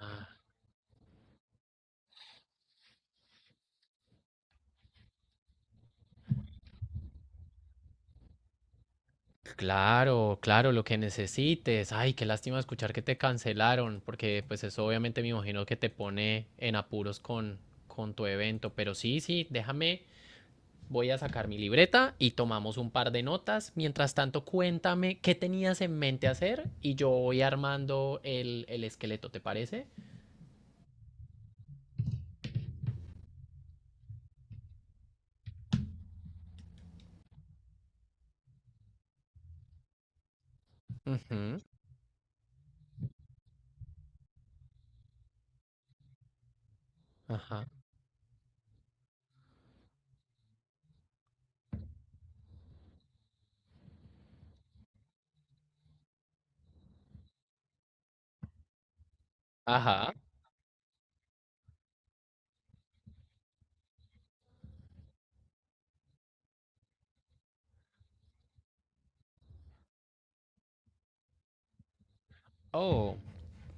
Ah, claro, claro, lo que necesites. Ay, qué lástima escuchar que te cancelaron, porque pues eso obviamente me imagino que te pone en apuros con tu evento. Pero sí, sí, déjame, voy a sacar mi libreta y tomamos un par de notas. Mientras tanto, cuéntame qué tenías en mente hacer y yo voy armando el esqueleto, ¿te parece? Ujú. Ajá. Ajá. Oh.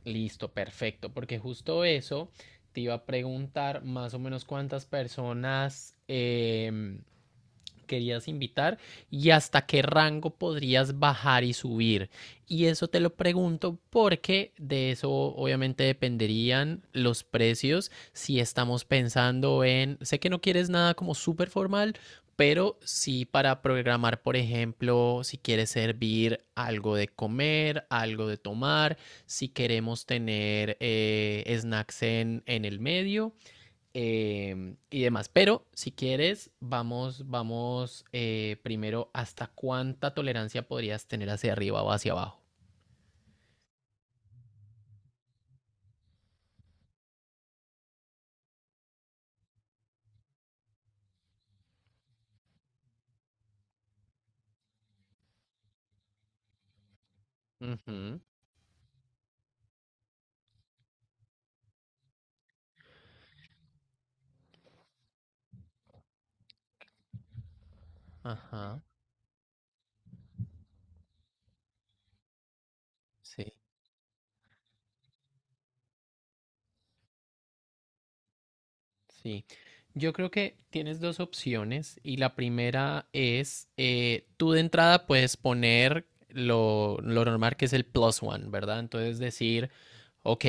Listo, perfecto, porque justo eso te iba a preguntar más o menos cuántas personas querías invitar y hasta qué rango podrías bajar y subir. Y eso te lo pregunto porque de eso obviamente dependerían los precios si estamos pensando en, sé que no quieres nada como súper formal, pero sí para programar, por ejemplo, si quieres servir algo de comer, algo de tomar, si queremos tener snacks en el medio, y demás. Pero si quieres, vamos, vamos, primero hasta cuánta tolerancia podrías tener hacia arriba o hacia abajo. Ujú. Ajá, sí, sí. Yo creo que tienes dos opciones y la primera es, tú de entrada puedes poner lo normal que es el plus one, ¿verdad? Entonces decir, ok,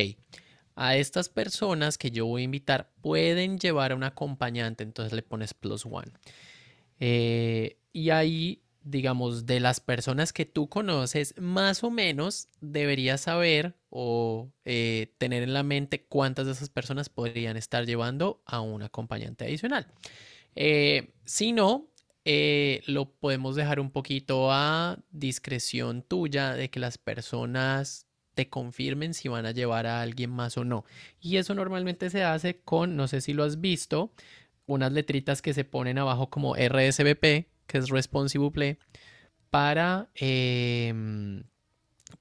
a estas personas que yo voy a invitar pueden llevar a un acompañante, entonces le pones plus one. Y ahí, digamos, de las personas que tú conoces, más o menos deberías saber o tener en la mente cuántas de esas personas podrían estar llevando a un acompañante adicional. Si no, lo podemos dejar un poquito a discreción tuya de que las personas te confirmen si van a llevar a alguien más o no. Y eso normalmente se hace con, no sé si lo has visto, unas letritas que se ponen abajo como RSVP, que es Responsive Play, para, eh,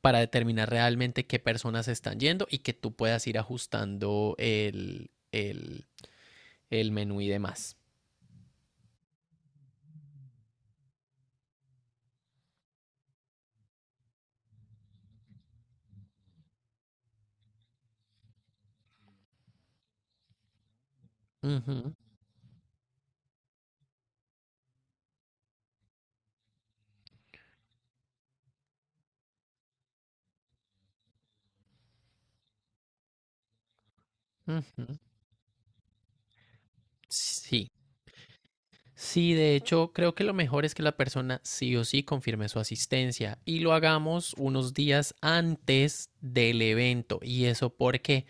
para determinar realmente qué personas están yendo y que tú puedas ir ajustando el menú y demás. Ujú, ujú. Sí. Sí, de hecho, creo que lo mejor es que la persona sí o sí confirme su asistencia y lo hagamos unos días antes del evento. ¿Y eso porque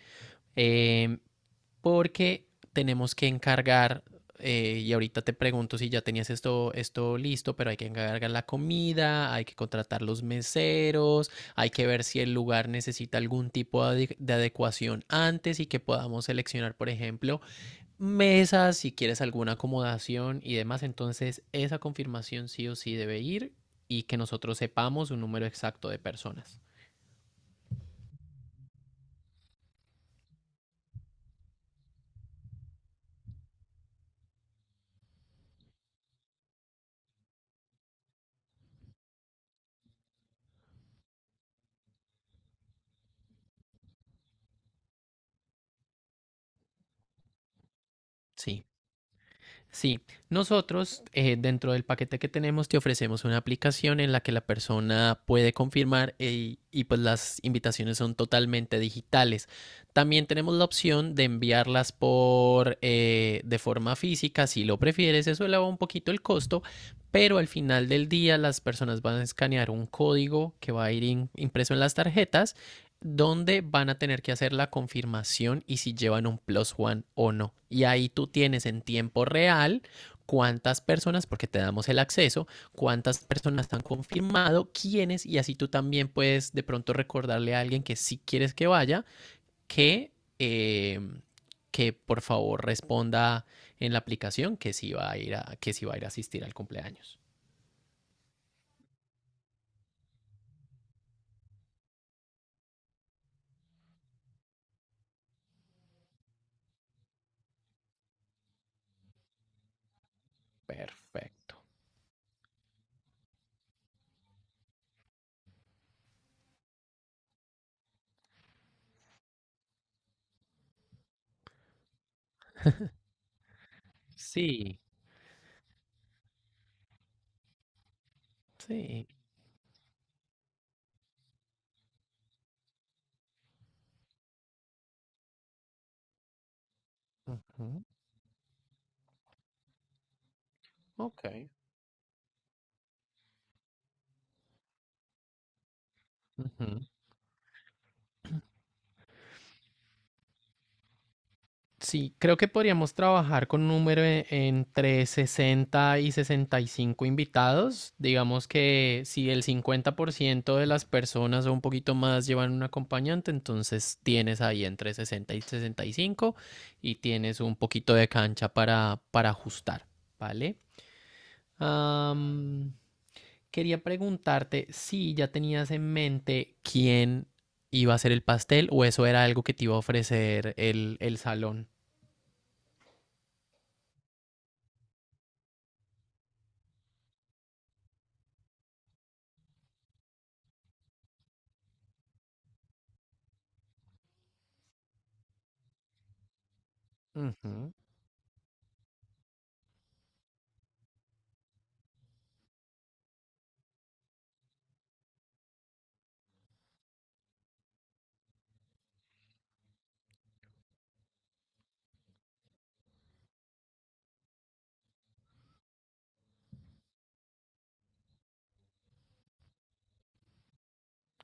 porque tenemos que encargar, y ahorita te pregunto si ya tenías esto listo, pero hay que encargar la comida, hay que contratar los meseros, hay que ver si el lugar necesita algún tipo de adecuación antes y que podamos seleccionar, por ejemplo, mesas, si quieres alguna acomodación y demás. Entonces, esa confirmación sí o sí debe ir y que nosotros sepamos un número exacto de personas. Sí. Sí, nosotros, dentro del paquete que tenemos te ofrecemos una aplicación en la que la persona puede confirmar y pues las invitaciones son totalmente digitales. También tenemos la opción de enviarlas por de forma física, si lo prefieres, eso eleva un poquito el costo, pero al final del día las personas van a escanear un código que va a ir impreso en las tarjetas donde van a tener que hacer la confirmación y si llevan un plus one o no. Y ahí tú tienes en tiempo real cuántas personas, porque te damos el acceso, cuántas personas han confirmado, quiénes, y así tú también puedes de pronto recordarle a alguien que sí quieres que vaya, que, eh, que por favor responda en la aplicación que sí va a ir a, que sí va a ir a asistir al cumpleaños. Perfecto. Sí, sí. Ujú. Ok. Ujú. Sí, creo que podríamos trabajar con un número entre 60 y 65 invitados. Digamos que si el 50% de las personas o un poquito más llevan un acompañante, entonces tienes ahí entre 60 y 65 y cinco y tienes un poquito de cancha para ajustar, ¿vale? Am, quería preguntarte si ya tenías en mente quién iba a hacer el pastel o eso era algo que te iba a ofrecer el salón. Ujú.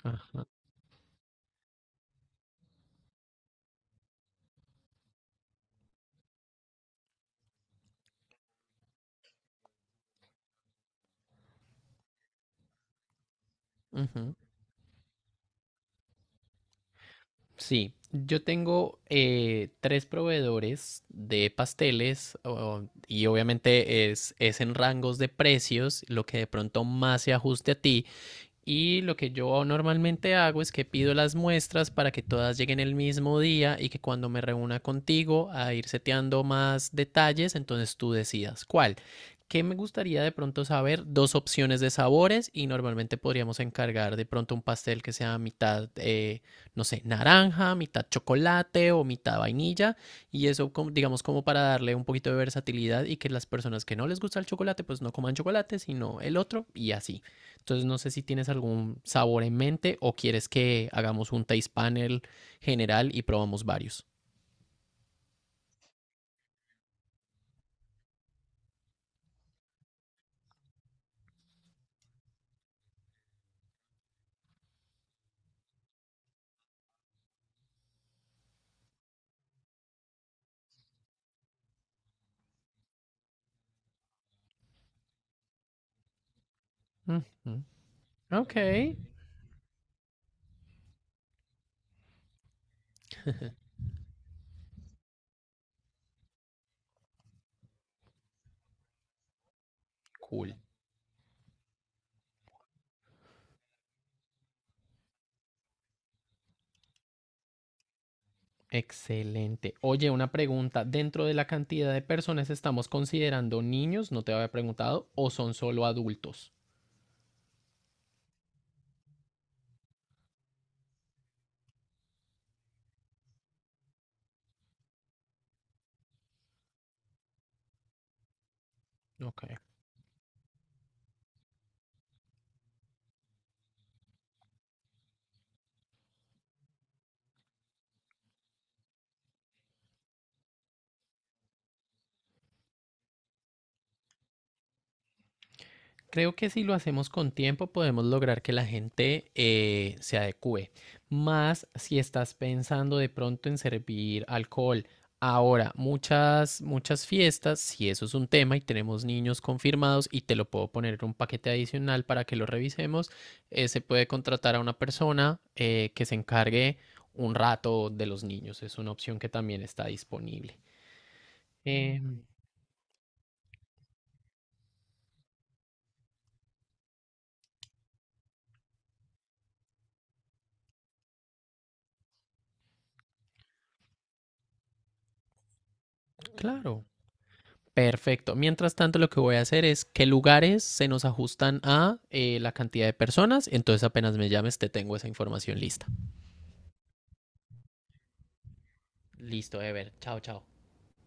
Ajá, ujú. Sí, yo tengo, tres proveedores de pasteles y obviamente es en rangos de precios lo que de pronto más se ajuste a ti. Y lo que yo normalmente hago es que pido las muestras para que todas lleguen el mismo día y que cuando me reúna contigo a ir seteando más detalles, entonces tú decidas cuál. ¿Qué me gustaría de pronto saber? Dos opciones de sabores y normalmente podríamos encargar de pronto un pastel que sea mitad, no sé, naranja, mitad chocolate o mitad vainilla, y eso digamos como para darle un poquito de versatilidad y que las personas que no les gusta el chocolate pues no coman chocolate sino el otro y así. Entonces no sé si tienes algún sabor en mente o quieres que hagamos un taste panel general y probamos varios. Ujú. Ok, cool. Excelente. Oye, una pregunta. Dentro de la cantidad de personas estamos considerando niños, no te había preguntado, o son solo adultos. Ok. Creo que si lo hacemos con tiempo podemos lograr que la gente se adecue. Más si estás pensando de pronto en servir alcohol. Ahora, muchas, muchas fiestas, si eso es un tema y tenemos niños confirmados y te lo puedo poner en un paquete adicional para que lo revisemos, se puede contratar a una persona que se encargue un rato de los niños. Es una opción que también está disponible. Em, claro. Perfecto. Mientras tanto, lo que voy a hacer es qué lugares se nos ajustan a la cantidad de personas. Entonces, apenas me llames, te tengo esa información lista. Listo, Ever. Chao, chao.